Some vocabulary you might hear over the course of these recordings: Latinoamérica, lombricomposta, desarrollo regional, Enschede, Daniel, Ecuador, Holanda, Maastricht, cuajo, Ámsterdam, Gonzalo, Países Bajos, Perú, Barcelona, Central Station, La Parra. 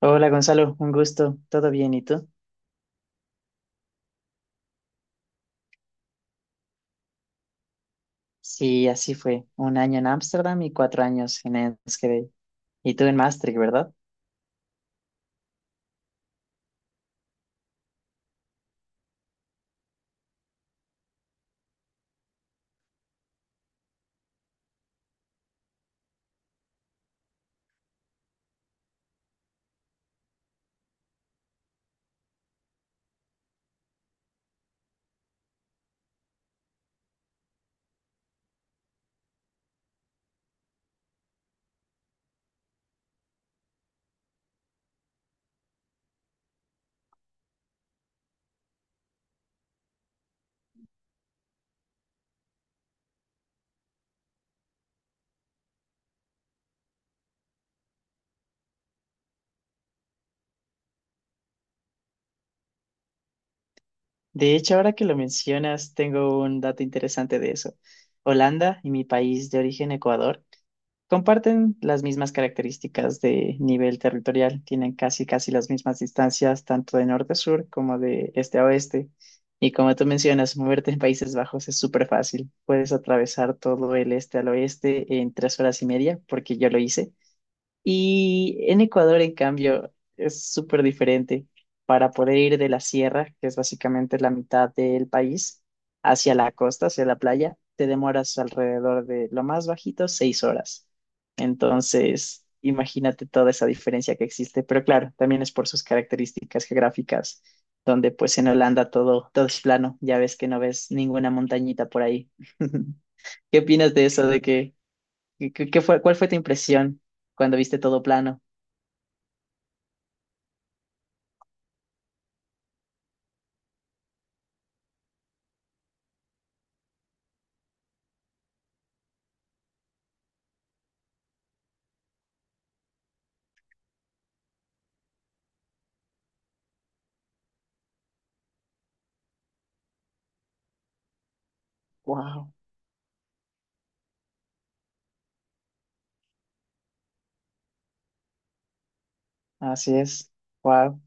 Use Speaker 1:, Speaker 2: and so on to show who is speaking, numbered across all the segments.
Speaker 1: Hola Gonzalo, un gusto. ¿Todo bien? ¿Y tú? Sí, así fue. Un año en Ámsterdam y 4 años en Enschede. Y tú en Maastricht, ¿verdad? De hecho, ahora que lo mencionas, tengo un dato interesante de eso. Holanda y mi país de origen, Ecuador, comparten las mismas características de nivel territorial, tienen casi casi las mismas distancias tanto de norte a sur como de este a oeste. Y como tú mencionas, moverte en Países Bajos es súper fácil. Puedes atravesar todo el este al oeste en 3 horas y media, porque yo lo hice. Y en Ecuador, en cambio, es súper diferente. Para poder ir de la sierra, que es básicamente la mitad del país, hacia la costa, hacia la playa, te demoras alrededor de lo más bajito, 6 horas. Entonces, imagínate toda esa diferencia que existe. Pero claro, también es por sus características geográficas, donde pues en Holanda todo es plano. Ya ves que no ves ninguna montañita por ahí. ¿Qué opinas de eso? ¿De que fue, cuál fue tu impresión cuando viste todo plano? Wow, así es. Wow.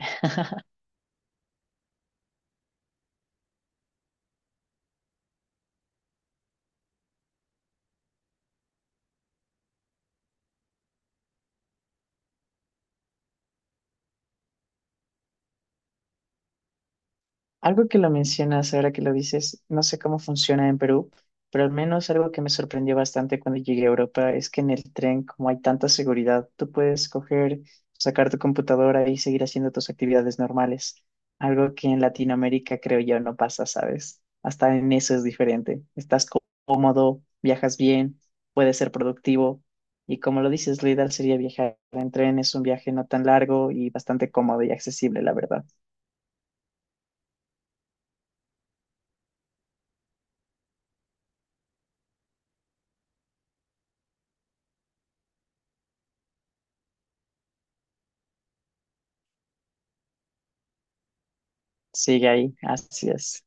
Speaker 1: Algo que lo mencionas ahora que lo dices, no sé cómo funciona en Perú, pero al menos algo que me sorprendió bastante cuando llegué a Europa es que en el tren, como hay tanta seguridad, tú puedes coger, sacar tu computadora y seguir haciendo tus actividades normales. Algo que en Latinoamérica creo yo no pasa, ¿sabes? Hasta en eso es diferente. Estás cómodo, viajas bien, puedes ser productivo y como lo dices, lo ideal sería viajar en tren. Es un viaje no tan largo y bastante cómodo y accesible, la verdad. Sigue ahí, así es.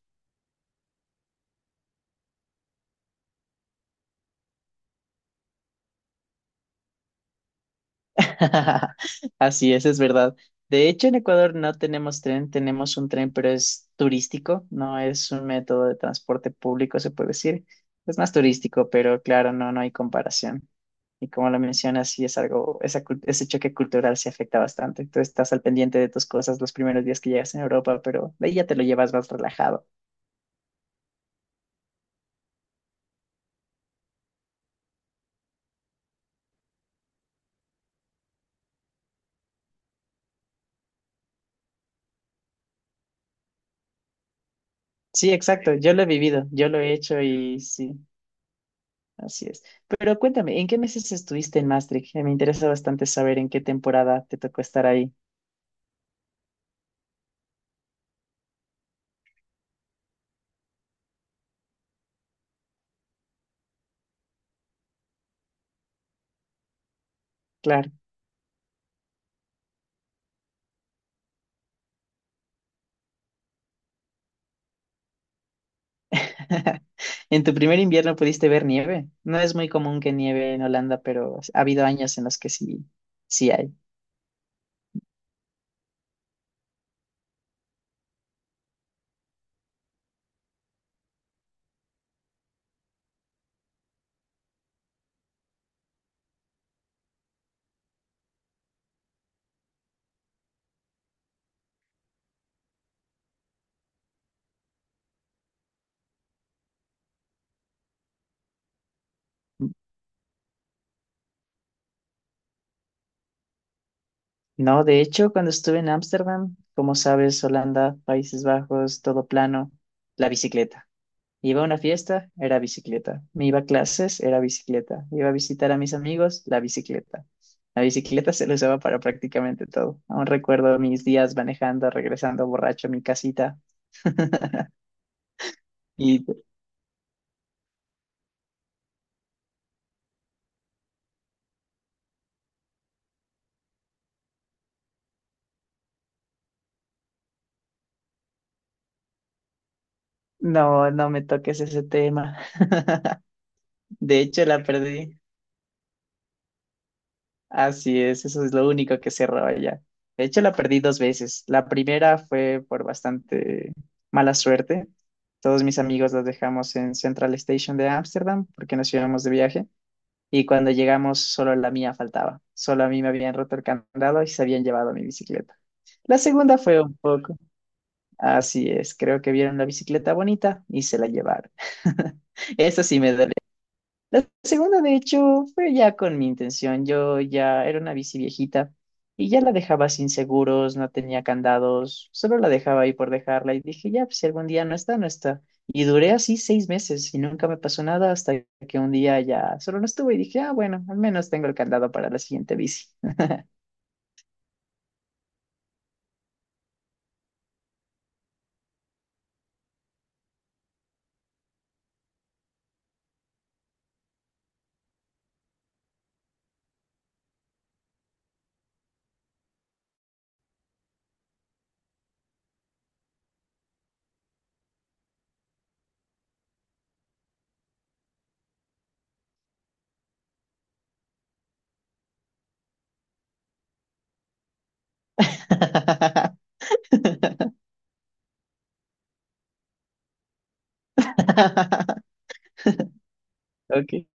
Speaker 1: Así es verdad. De hecho, en Ecuador no tenemos tren, tenemos un tren, pero es turístico, no es un método de transporte público, se puede decir. Es más turístico, pero claro, no, no hay comparación. Y como lo mencionas, sí es algo, ese choque cultural se afecta bastante. Tú estás al pendiente de tus cosas los primeros días que llegas en Europa, pero de ahí ya te lo llevas más relajado. Sí, exacto, yo lo he vivido, yo lo he hecho y sí. Así es. Pero cuéntame, ¿en qué meses estuviste en Maastricht? Me interesa bastante saber en qué temporada te tocó estar ahí. Claro. En tu primer invierno pudiste ver nieve. No es muy común que nieve en Holanda, pero ha habido años en los que sí, sí hay. No, de hecho, cuando estuve en Ámsterdam, como sabes, Holanda, Países Bajos, todo plano, la bicicleta. Iba a una fiesta, era bicicleta. Me iba a clases, era bicicleta. Iba a visitar a mis amigos, la bicicleta. La bicicleta se la usaba para prácticamente todo. Aún recuerdo mis días manejando, regresando borracho a mi casita. Y no, no me toques ese tema. De hecho, la perdí. Así es, eso es lo único que se roba ya. De hecho, la perdí dos veces. La primera fue por bastante mala suerte. Todos mis amigos los dejamos en Central Station de Ámsterdam porque nos íbamos de viaje y cuando llegamos solo la mía faltaba. Solo a mí me habían roto el candado y se habían llevado mi bicicleta. La segunda fue un poco, así es, creo que vieron la bicicleta bonita y se la llevaron. Eso sí me duele. La segunda, de hecho, fue ya con mi intención. Yo ya era una bici viejita y ya la dejaba sin seguros, no tenía candados, solo la dejaba ahí por dejarla y dije, ya, pues si algún día no está, no está. Y duré así 6 meses y nunca me pasó nada hasta que un día ya solo no estuvo y dije, ah, bueno, al menos tengo el candado para la siguiente bici. Ok.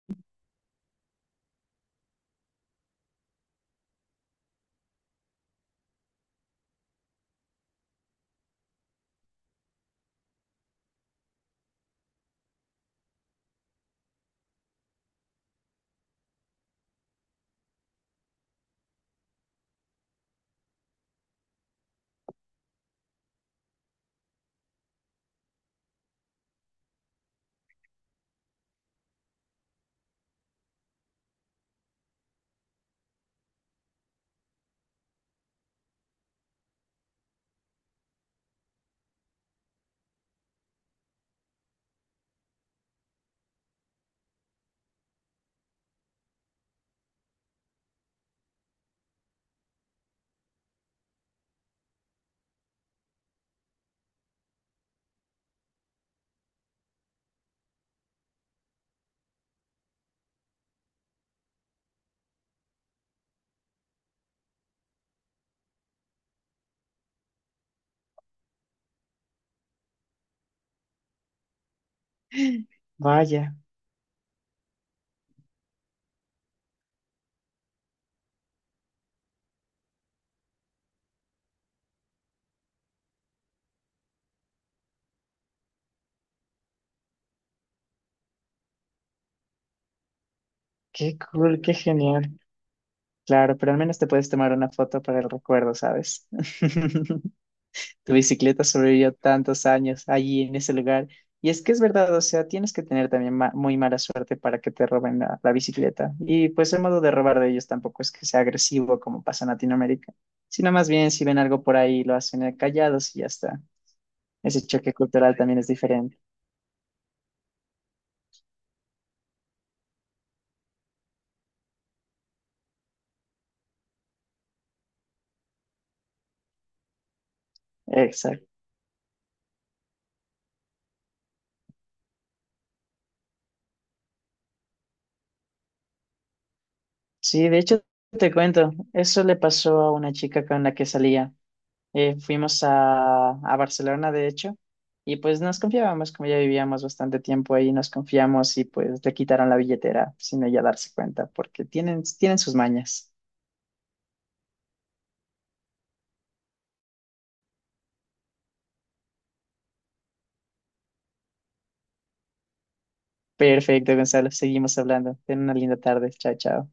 Speaker 1: Vaya, qué cool, qué genial. Claro, pero al menos te puedes tomar una foto para el recuerdo, ¿sabes? Tu bicicleta sobrevivió tantos años allí en ese lugar. Y es que es verdad, o sea, tienes que tener también muy mala suerte para que te roben la bicicleta. Y pues el modo de robar de ellos tampoco es que sea agresivo como pasa en Latinoamérica, sino más bien si ven algo por ahí lo hacen callados y ya está. Ese choque cultural también es diferente. Exacto. Sí, de hecho, te cuento, eso le pasó a una chica con la que salía. Fuimos a Barcelona, de hecho, y pues nos confiábamos, como ya vivíamos bastante tiempo ahí, nos confiamos y pues le quitaron la billetera sin ella darse cuenta, porque tienen, tienen sus mañas. Perfecto, Gonzalo, seguimos hablando. Ten una linda tarde. Chao, chao.